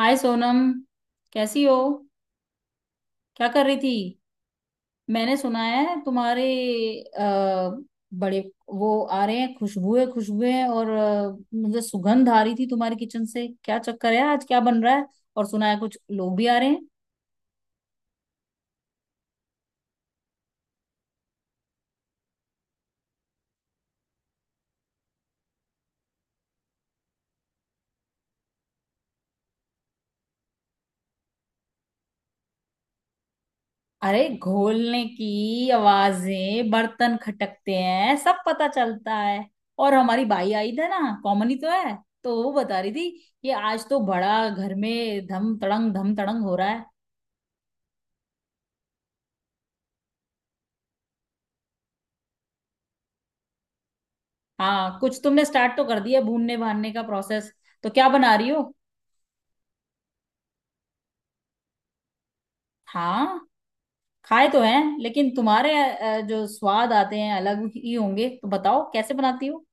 हाय सोनम। कैसी हो। क्या कर रही थी। मैंने सुना है तुम्हारे आ, बड़े वो आ रहे हैं। खुशबुए खुशबुए और मुझे सुगंध आ रही थी तुम्हारे किचन से। क्या चक्कर है आज। क्या बन रहा है। और सुना है कुछ लोग भी आ रहे हैं। अरे घोलने की आवाजें बर्तन खटकते हैं सब पता चलता है। और हमारी बाई आई थी ना कॉमन ही तो है। तो वो बता रही थी कि आज तो बड़ा घर में धम तड़ंग हो रहा है। हाँ कुछ तुमने स्टार्ट तो कर दिया भूनने भानने का प्रोसेस। तो क्या बना रही हो। हाँ खाए तो हैं, लेकिन तुम्हारे जो स्वाद आते हैं अलग ही होंगे। तो बताओ कैसे बनाती हो।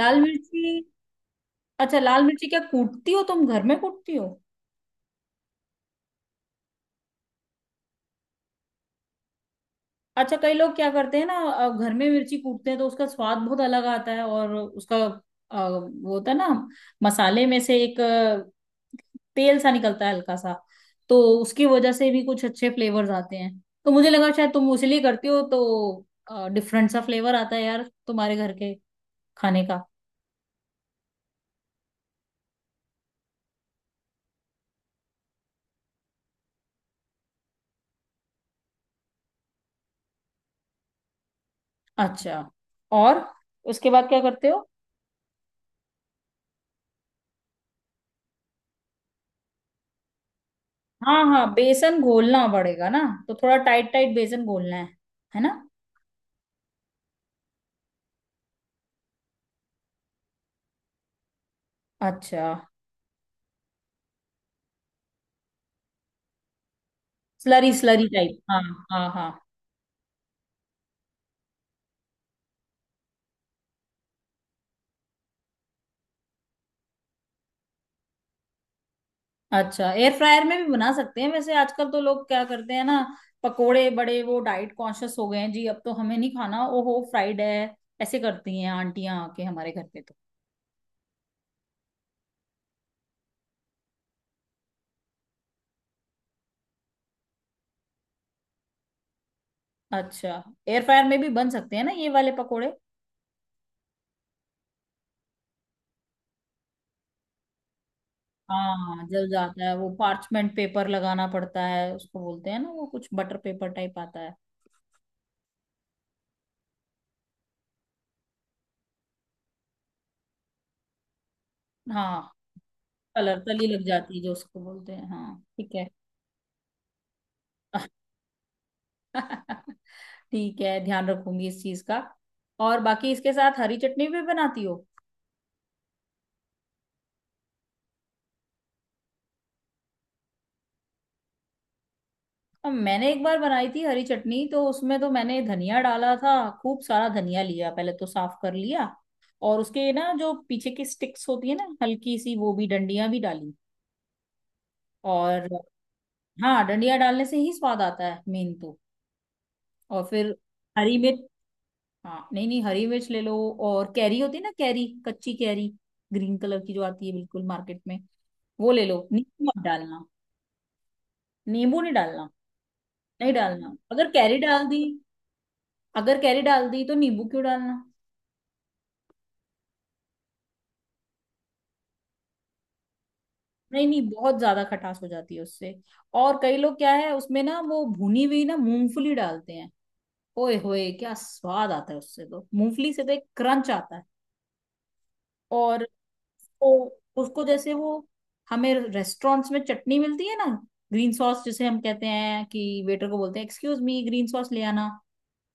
लाल मिर्ची। अच्छा लाल मिर्ची क्या कूटती हो, तुम घर में कूटती हो। अच्छा कई लोग क्या करते हैं ना, घर में मिर्ची कूटते हैं तो उसका स्वाद बहुत अलग आता है। और उसका वो होता है ना, मसाले में से एक तेल सा निकलता है हल्का सा। तो उसकी वजह से भी कुछ अच्छे फ्लेवर्स आते हैं। तो मुझे लगा शायद तुम उसी लिए करती हो तो डिफरेंट सा फ्लेवर आता है यार तुम्हारे घर के खाने का। अच्छा। और उसके बाद क्या करते हो। हाँ हाँ बेसन घोलना पड़ेगा ना। तो थोड़ा टाइट टाइट बेसन घोलना है। है ना। अच्छा। Slurry slurry type. हाँ। हाँ हाँ। अच्छा एयर फ्रायर में भी बना सकते हैं वैसे, आजकल तो लोग क्या करते हैं ना। पकोड़े बड़े, वो डाइट कॉन्शियस हो गए हैं जी। अब तो हमें नहीं खाना, ओहो फ्राइड है। ऐसे करती हैं आंटियां आके हमारे घर पे तो। अच्छा एयर फ्रायर में भी बन सकते हैं ना ये वाले पकोड़े। हाँ जल जाता है वो। पार्चमेंट पेपर लगाना पड़ता है उसको। बोलते हैं ना, वो कुछ बटर पेपर टाइप आता है। हाँ। कलर तली लग जाती है जो उसको बोलते हैं। हाँ ठीक है। ठीक है, ध्यान रखूंगी इस चीज का। और बाकी इसके साथ हरी चटनी भी बनाती हो। अब मैंने एक बार बनाई थी हरी चटनी तो उसमें तो मैंने धनिया डाला था। खूब सारा धनिया लिया, पहले तो साफ कर लिया। और उसके ना जो पीछे की स्टिक्स होती है ना हल्की सी, वो भी डंडियां भी डाली। और हाँ डंडियां डालने से ही स्वाद आता है मेन तो। और फिर हरी मिर्च। हाँ। नहीं नहीं, हरी मिर्च ले लो। और कैरी होती है ना, कैरी, कच्ची कैरी, ग्रीन कलर की जो आती है बिल्कुल मार्केट में। वो ले लो। नींबू मत डालना। नींबू नहीं डालना। नहीं डालना अगर कैरी डाल दी। अगर कैरी डाल दी तो नींबू क्यों डालना। नहीं नहीं, बहुत ज्यादा खटास हो जाती है उससे। और कई लोग क्या है, उसमें ना वो भुनी हुई ना मूंगफली डालते हैं। ओए होए, क्या स्वाद आता है उससे, तो मूंगफली से तो एक क्रंच आता है। और उसको जैसे वो, हमें रेस्टोरेंट्स में चटनी मिलती है ना, ग्रीन सॉस जिसे हम कहते हैं कि वेटर को बोलते हैं एक्सक्यूज मी ग्रीन सॉस ले आना।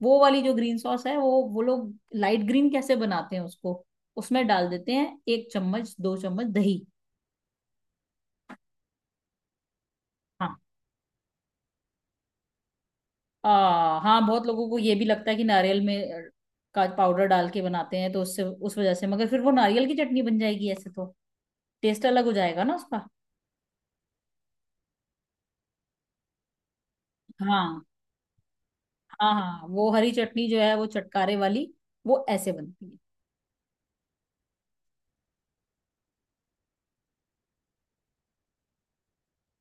वो वाली जो ग्रीन सॉस है, वो लोग लाइट ग्रीन कैसे बनाते हैं उसको। उसमें डाल देते हैं एक चम्मच दो चम्मच दही। हाँ। हाँ बहुत लोगों को ये भी लगता है कि नारियल में का पाउडर डाल के बनाते हैं तो उससे, उस वजह से। मगर फिर वो नारियल की चटनी बन जाएगी ऐसे तो। टेस्ट अलग हो जाएगा ना उसका। हाँ। हाँ हाँ, वो हरी चटनी जो है वो चटकारे वाली, वो ऐसे बनती है।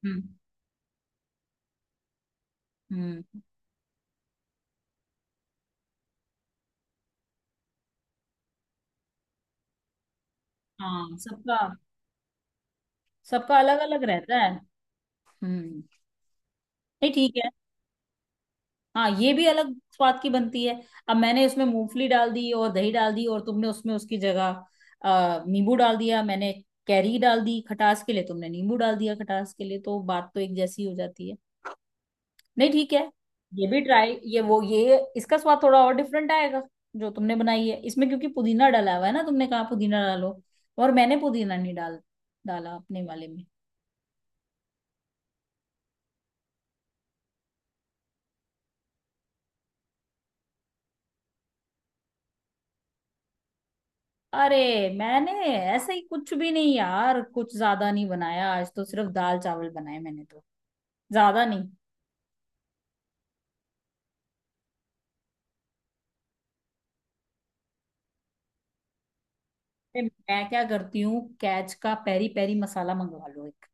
हम्म। हम्म। हाँ, सबका सबका अलग अलग रहता है। हम्म। नहीं ठीक है। हाँ ये भी अलग स्वाद की बनती है। अब मैंने उसमें मूंगफली डाल दी और दही डाल दी, और तुमने उसमें उसकी जगह नींबू डाल दिया। मैंने कैरी डाल दी खटास के लिए, तुमने नींबू डाल दिया खटास के लिए, तो बात तो एक जैसी हो जाती है। नहीं ठीक है। ये भी ट्राई, ये वो, ये इसका स्वाद थोड़ा और डिफरेंट आएगा जो तुमने बनाई है इसमें, क्योंकि पुदीना डाला हुआ है ना, तुमने कहा पुदीना डालो, और मैंने पुदीना नहीं डाला अपने वाले में। अरे मैंने ऐसे ही, कुछ भी नहीं यार, कुछ ज्यादा नहीं बनाया आज तो। सिर्फ दाल चावल बनाए मैंने तो, ज्यादा नहीं। ए, मैं क्या करती हूँ, कैच का पेरी पेरी मसाला मंगवा लो एक।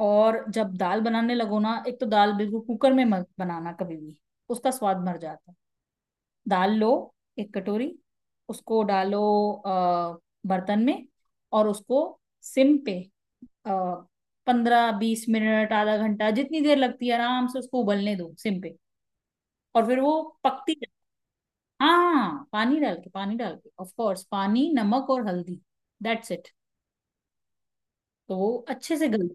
और जब दाल बनाने लगो ना, एक तो दाल बिल्कुल कुकर में मत बनाना कभी भी, उसका स्वाद मर जाता है। दाल लो एक कटोरी, उसको डालो अ, बर्तन में, और उसको सिम पे 15-20 मिनट आधा घंटा जितनी देर लगती है आराम से उसको उबलने दो सिम पे। और फिर वो पकती। हाँ पानी डाल के, पानी डाल के, ऑफ कोर्स पानी, नमक और हल्दी। That's it. तो वो अच्छे से गल।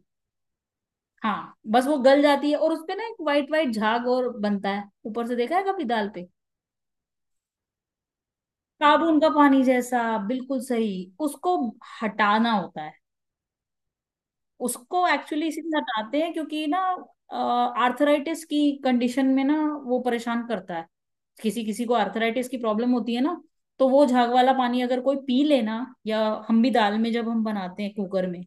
हाँ बस वो गल जाती है, और उसपे ना एक वाइट वाइट झाग और बनता है ऊपर से, देखा है कभी दाल पे। साबुन का पानी जैसा, बिल्कुल सही। उसको हटाना होता है उसको, एक्चुअली इसीलिए हटाते हैं क्योंकि ना, आर्थराइटिस की कंडीशन में ना वो परेशान करता है। किसी किसी को आर्थराइटिस की प्रॉब्लम होती है ना, तो वो झाग वाला पानी अगर कोई पी लेना, या हम भी दाल में जब हम बनाते हैं कुकर में,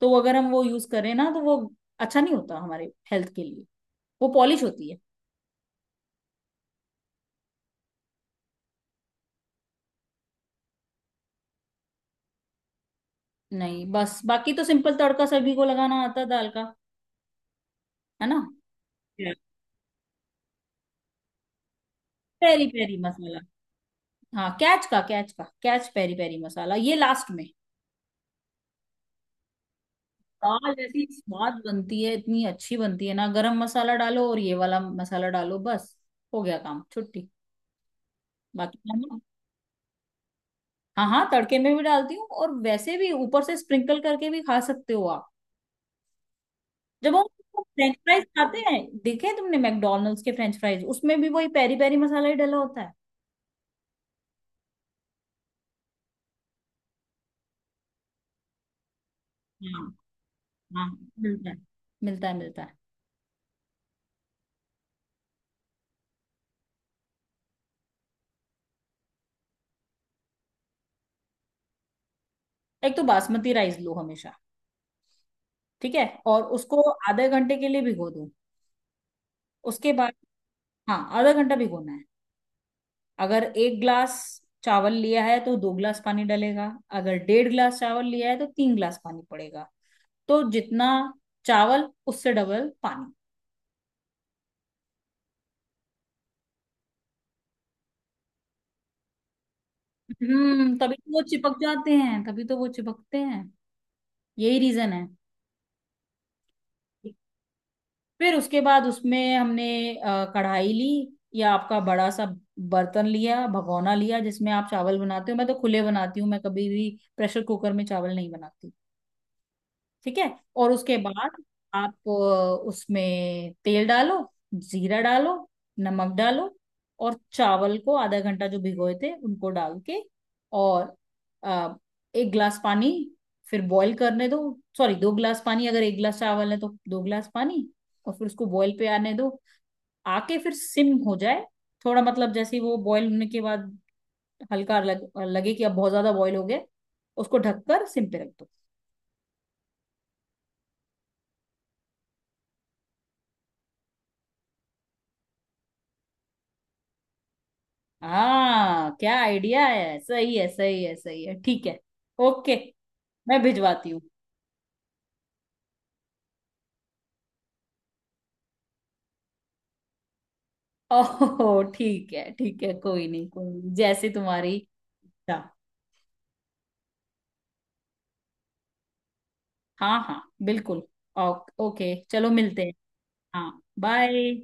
तो अगर हम वो यूज करें ना तो वो अच्छा नहीं होता हमारे हेल्थ के लिए। वो पॉलिश होती है। नहीं बस, बाकी तो सिंपल तड़का सभी को लगाना आता है दाल का। है ना। Yeah. Peri peri masala. हाँ कैच पेरी पेरी मसाला ये लास्ट में। दाल ऐसी स्वाद बनती है, इतनी अच्छी बनती है ना, गरम मसाला डालो और ये वाला मसाला डालो, बस हो गया काम छुट्टी। बाकी हाँ हाँ तड़के में भी डालती हूँ, और वैसे भी ऊपर से स्प्रिंकल करके भी खा सकते हो आप। जब हम फ्रेंच फ्राइज खाते हैं, देखे हैं तुमने मैकडोनल्ड्स के फ्रेंच फ्राइज, उसमें भी वही पेरी पेरी मसाला ही डाला होता है। हाँ मिलता है, मिलता है मिलता है। एक तो बासमती राइस लो हमेशा, ठीक है। और उसको आधे घंटे के लिए भिगो दो, उसके बाद। हाँ आधा घंटा भिगोना है। अगर 1 ग्लास चावल लिया है तो 2 ग्लास पानी डलेगा। अगर डेढ़ ग्लास चावल लिया है तो 3 ग्लास पानी पड़ेगा। तो जितना चावल उससे डबल पानी। तभी तो वो चिपक जाते हैं, तभी तो वो चिपकते हैं, यही रीजन है। फिर उसके बाद उसमें हमने कढ़ाई ली, या आपका बड़ा सा बर्तन लिया, भगोना लिया, जिसमें आप चावल बनाते हो। मैं तो खुले बनाती हूँ, मैं कभी भी प्रेशर कुकर में चावल नहीं बनाती। ठीक है। और उसके बाद आप उसमें तेल डालो, जीरा डालो, नमक डालो, और चावल को आधा घंटा जो भिगोए थे उनको डाल के, और अ, 1 गिलास पानी, फिर बॉईल करने दो। सॉरी, 2 गिलास पानी, अगर 1 गिलास चावल है तो 2 गिलास पानी। और फिर उसको बॉईल पे आने दो, आके फिर सिम हो जाए थोड़ा। मतलब जैसे ही वो बॉईल होने के बाद हल्का लगे कि अब बहुत ज्यादा बॉईल हो गया, उसको ढककर सिम पे रख दो। हाँ क्या आइडिया है, सही है सही है सही है, ठीक है। ओके, मैं भिजवाती हूँ। ओहो ठीक है ठीक है, कोई नहीं कोई नहीं, जैसे तुम्हारी इच्छा। हाँ हाँ बिल्कुल। ओके चलो मिलते हैं। हाँ बाय।